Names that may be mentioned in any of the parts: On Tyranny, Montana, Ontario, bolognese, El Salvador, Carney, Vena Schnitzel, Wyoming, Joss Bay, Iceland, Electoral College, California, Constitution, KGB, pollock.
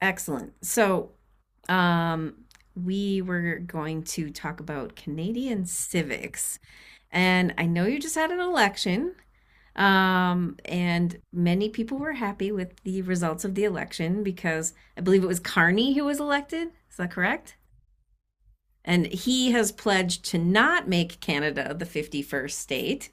Excellent. So, um, we were going to talk about Canadian civics. And I know you just had an election, and many people were happy with the results of the election because I believe it was Carney who was elected. Is that correct? And he has pledged to not make Canada the 51st state,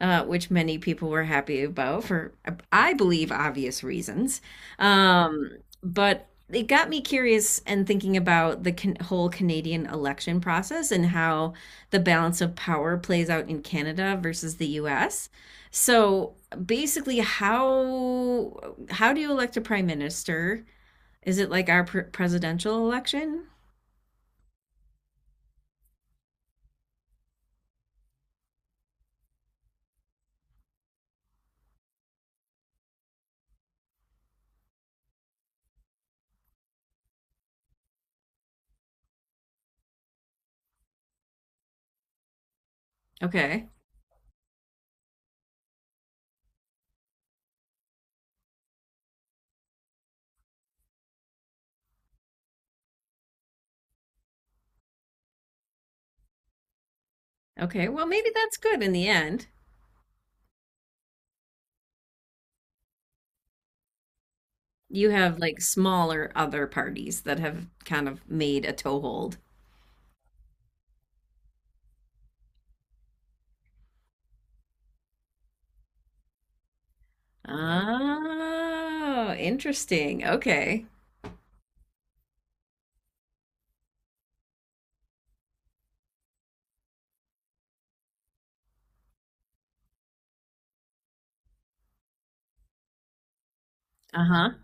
which many people were happy about for, I believe, obvious reasons. Um, but it got me curious and thinking about the whole Canadian election process and how the balance of power plays out in Canada versus the US. So basically, how do you elect a prime minister? Is it like our presidential election? Okay. Okay. Well, maybe that's good in the end. You have like smaller other parties that have kind of made a toehold. Oh, interesting. Okay. Uh-huh.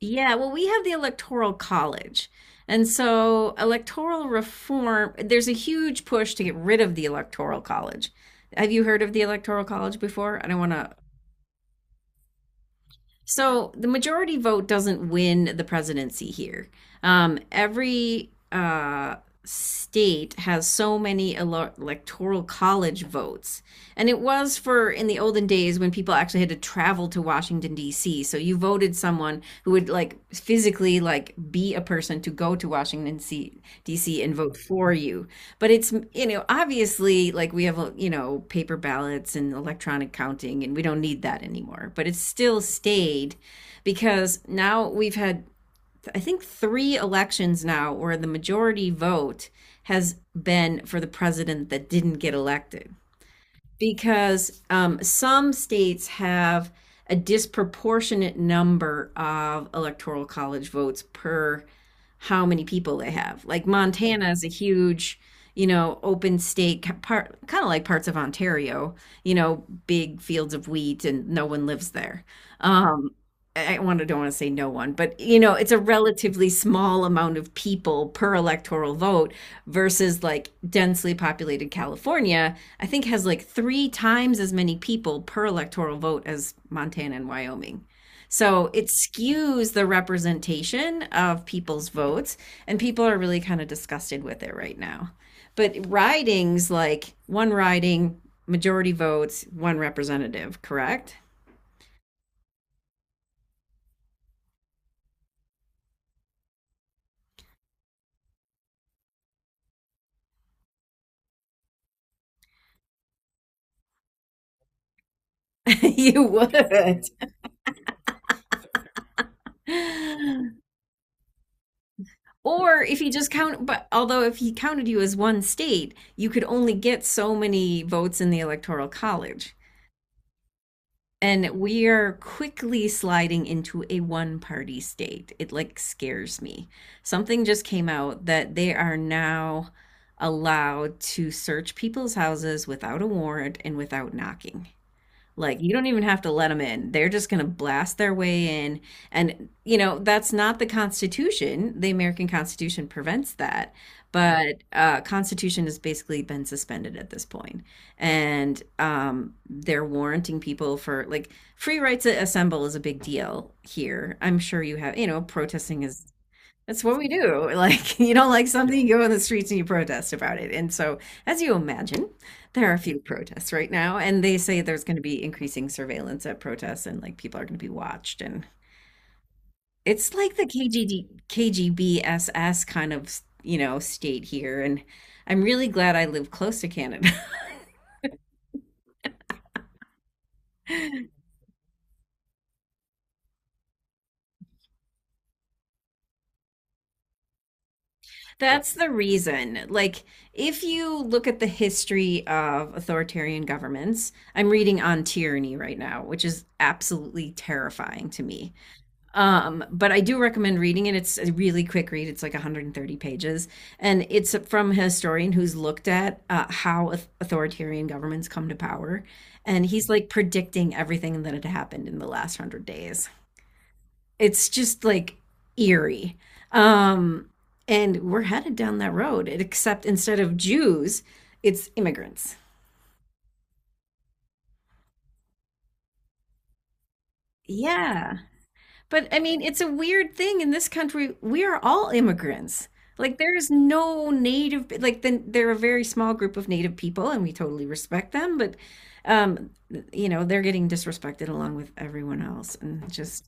Yeah, well, we have the Electoral College. And so, electoral reform, there's a huge push to get rid of the Electoral College. Have you heard of the Electoral College before? I don't want to. So the majority vote doesn't win the presidency here. Every state has so many electoral college votes, and it was for in the olden days when people actually had to travel to Washington D.C. So you voted someone who would like physically like be a person to go to Washington D.C. and vote for you. But it's obviously like we have paper ballots and electronic counting, and we don't need that anymore. But it's still stayed because now we've had, I think, three elections now where the majority vote has been for the president that didn't get elected because some states have a disproportionate number of electoral college votes per how many people they have. Like Montana is a huge, open state, part kind of like parts of Ontario. Big fields of wheat, and no one lives there. Um, I want to don't want to say no one, but it's a relatively small amount of people per electoral vote versus like densely populated California, I think has like three times as many people per electoral vote as Montana and Wyoming. So it skews the representation of people's votes, and people are really kind of disgusted with it right now. But ridings, like one riding, majority votes, one representative, correct? You would. Or if he just count, but although if he counted you as one state, you could only get so many votes in the Electoral College. And we are quickly sliding into a one party state. It like scares me. Something just came out that they are now allowed to search people's houses without a warrant and without knocking. Like you don't even have to let them in. They're just going to blast their way in, and that's not the Constitution. The American Constitution prevents that. But Constitution has basically been suspended at this point. And they're warranting people for like free rights to assemble is a big deal here. I'm sure you have, protesting is that's what we do. Like, you don't like something, you go on the streets and you protest about it. And so, as you imagine, there are a few protests right now, and they say there's going to be increasing surveillance at protests and like people are going to be watched. And it's like the KGD KGB SS kind of state here. And I'm really glad I live close to Canada. That's the reason. Like, if you look at the history of authoritarian governments, I'm reading On Tyranny right now, which is absolutely terrifying to me. But I do recommend reading it. It's a really quick read. It's like 130 pages, and it's from a historian who's looked at how authoritarian governments come to power, and he's like predicting everything that had happened in the last 100 days. It's just like eerie, um, and we're headed down that road. Except instead of Jews, it's immigrants. Yeah. But I mean, it's a weird thing in this country. We are all immigrants. Like there is no native, like then they're a very small group of native people, and we totally respect them. But um, they're getting disrespected along with everyone else, and just,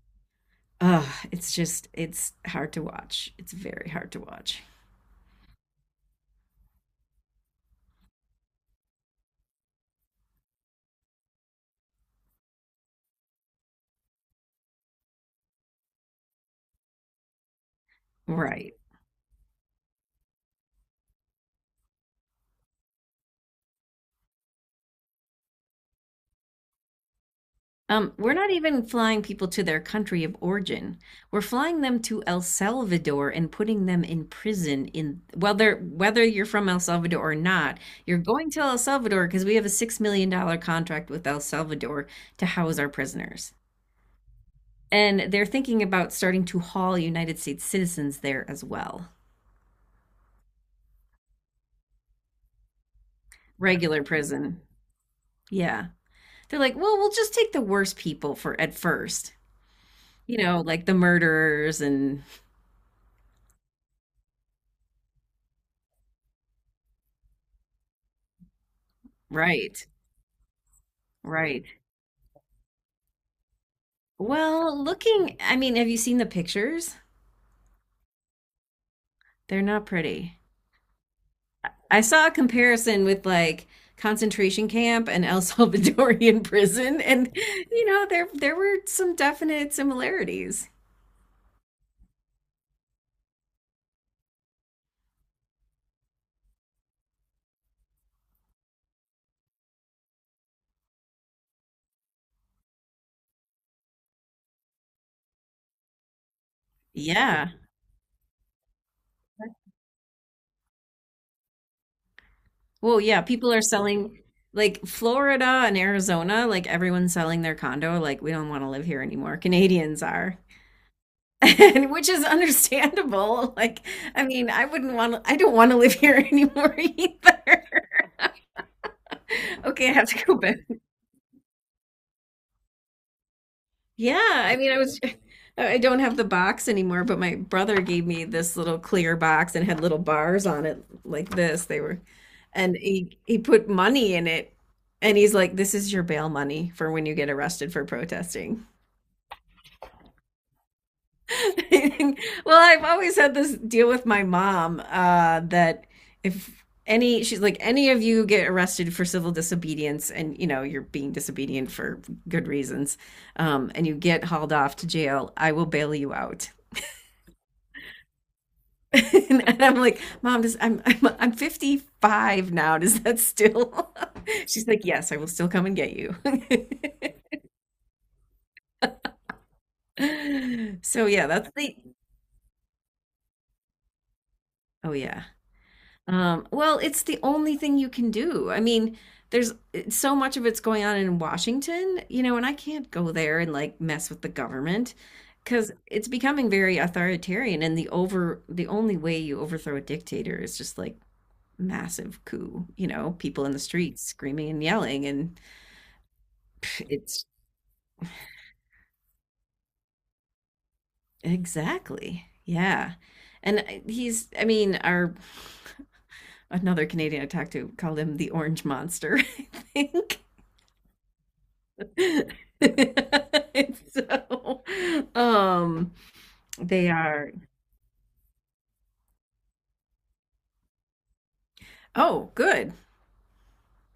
it's hard to watch. It's very hard to watch. Right. We're not even flying people to their country of origin. We're flying them to El Salvador and putting them in prison in whether you're from El Salvador or not, you're going to El Salvador because we have a $6 million contract with El Salvador to house our prisoners. And they're thinking about starting to haul United States citizens there as well. Regular prison. Yeah. They're like, well, we'll just take the worst people for at first. You know, like the murderers, and right. Right. Well, looking, I mean, have you seen the pictures? They're not pretty. I saw a comparison with like concentration camp and El Salvadorian prison, and there were some definite similarities. Yeah. Well, yeah, people are selling like Florida and Arizona, like everyone's selling their condo, like we don't want to live here anymore. Canadians are. And which is understandable. Like, I mean, I don't want to live here anymore either. Okay, I have to go back. Yeah, I mean, I was, I don't have the box anymore, but my brother gave me this little clear box and had little bars on it like this. They were, and he put money in it, and he's like, "This is your bail money for when you get arrested for protesting." Well, I've always had this deal with my mom that if any she's like any of you get arrested for civil disobedience, and you know you're being disobedient for good reasons, and you get hauled off to jail, I will bail you out. And I'm like, Mom, does I'm 55 now. Does that still? She's like, Yes, I will still come and get you. So yeah, that's the. Oh yeah. Well, it's the only thing you can do. I mean, there's so much of it's going on in Washington, you know, and I can't go there and like mess with the government because it's becoming very authoritarian. And the only way you overthrow a dictator is just like massive coup, you know, people in the streets screaming and yelling. And it's exactly, yeah. And he's, I mean, our another Canadian I talked to called him the Orange Monster, I think. And so, um, they are, oh, good.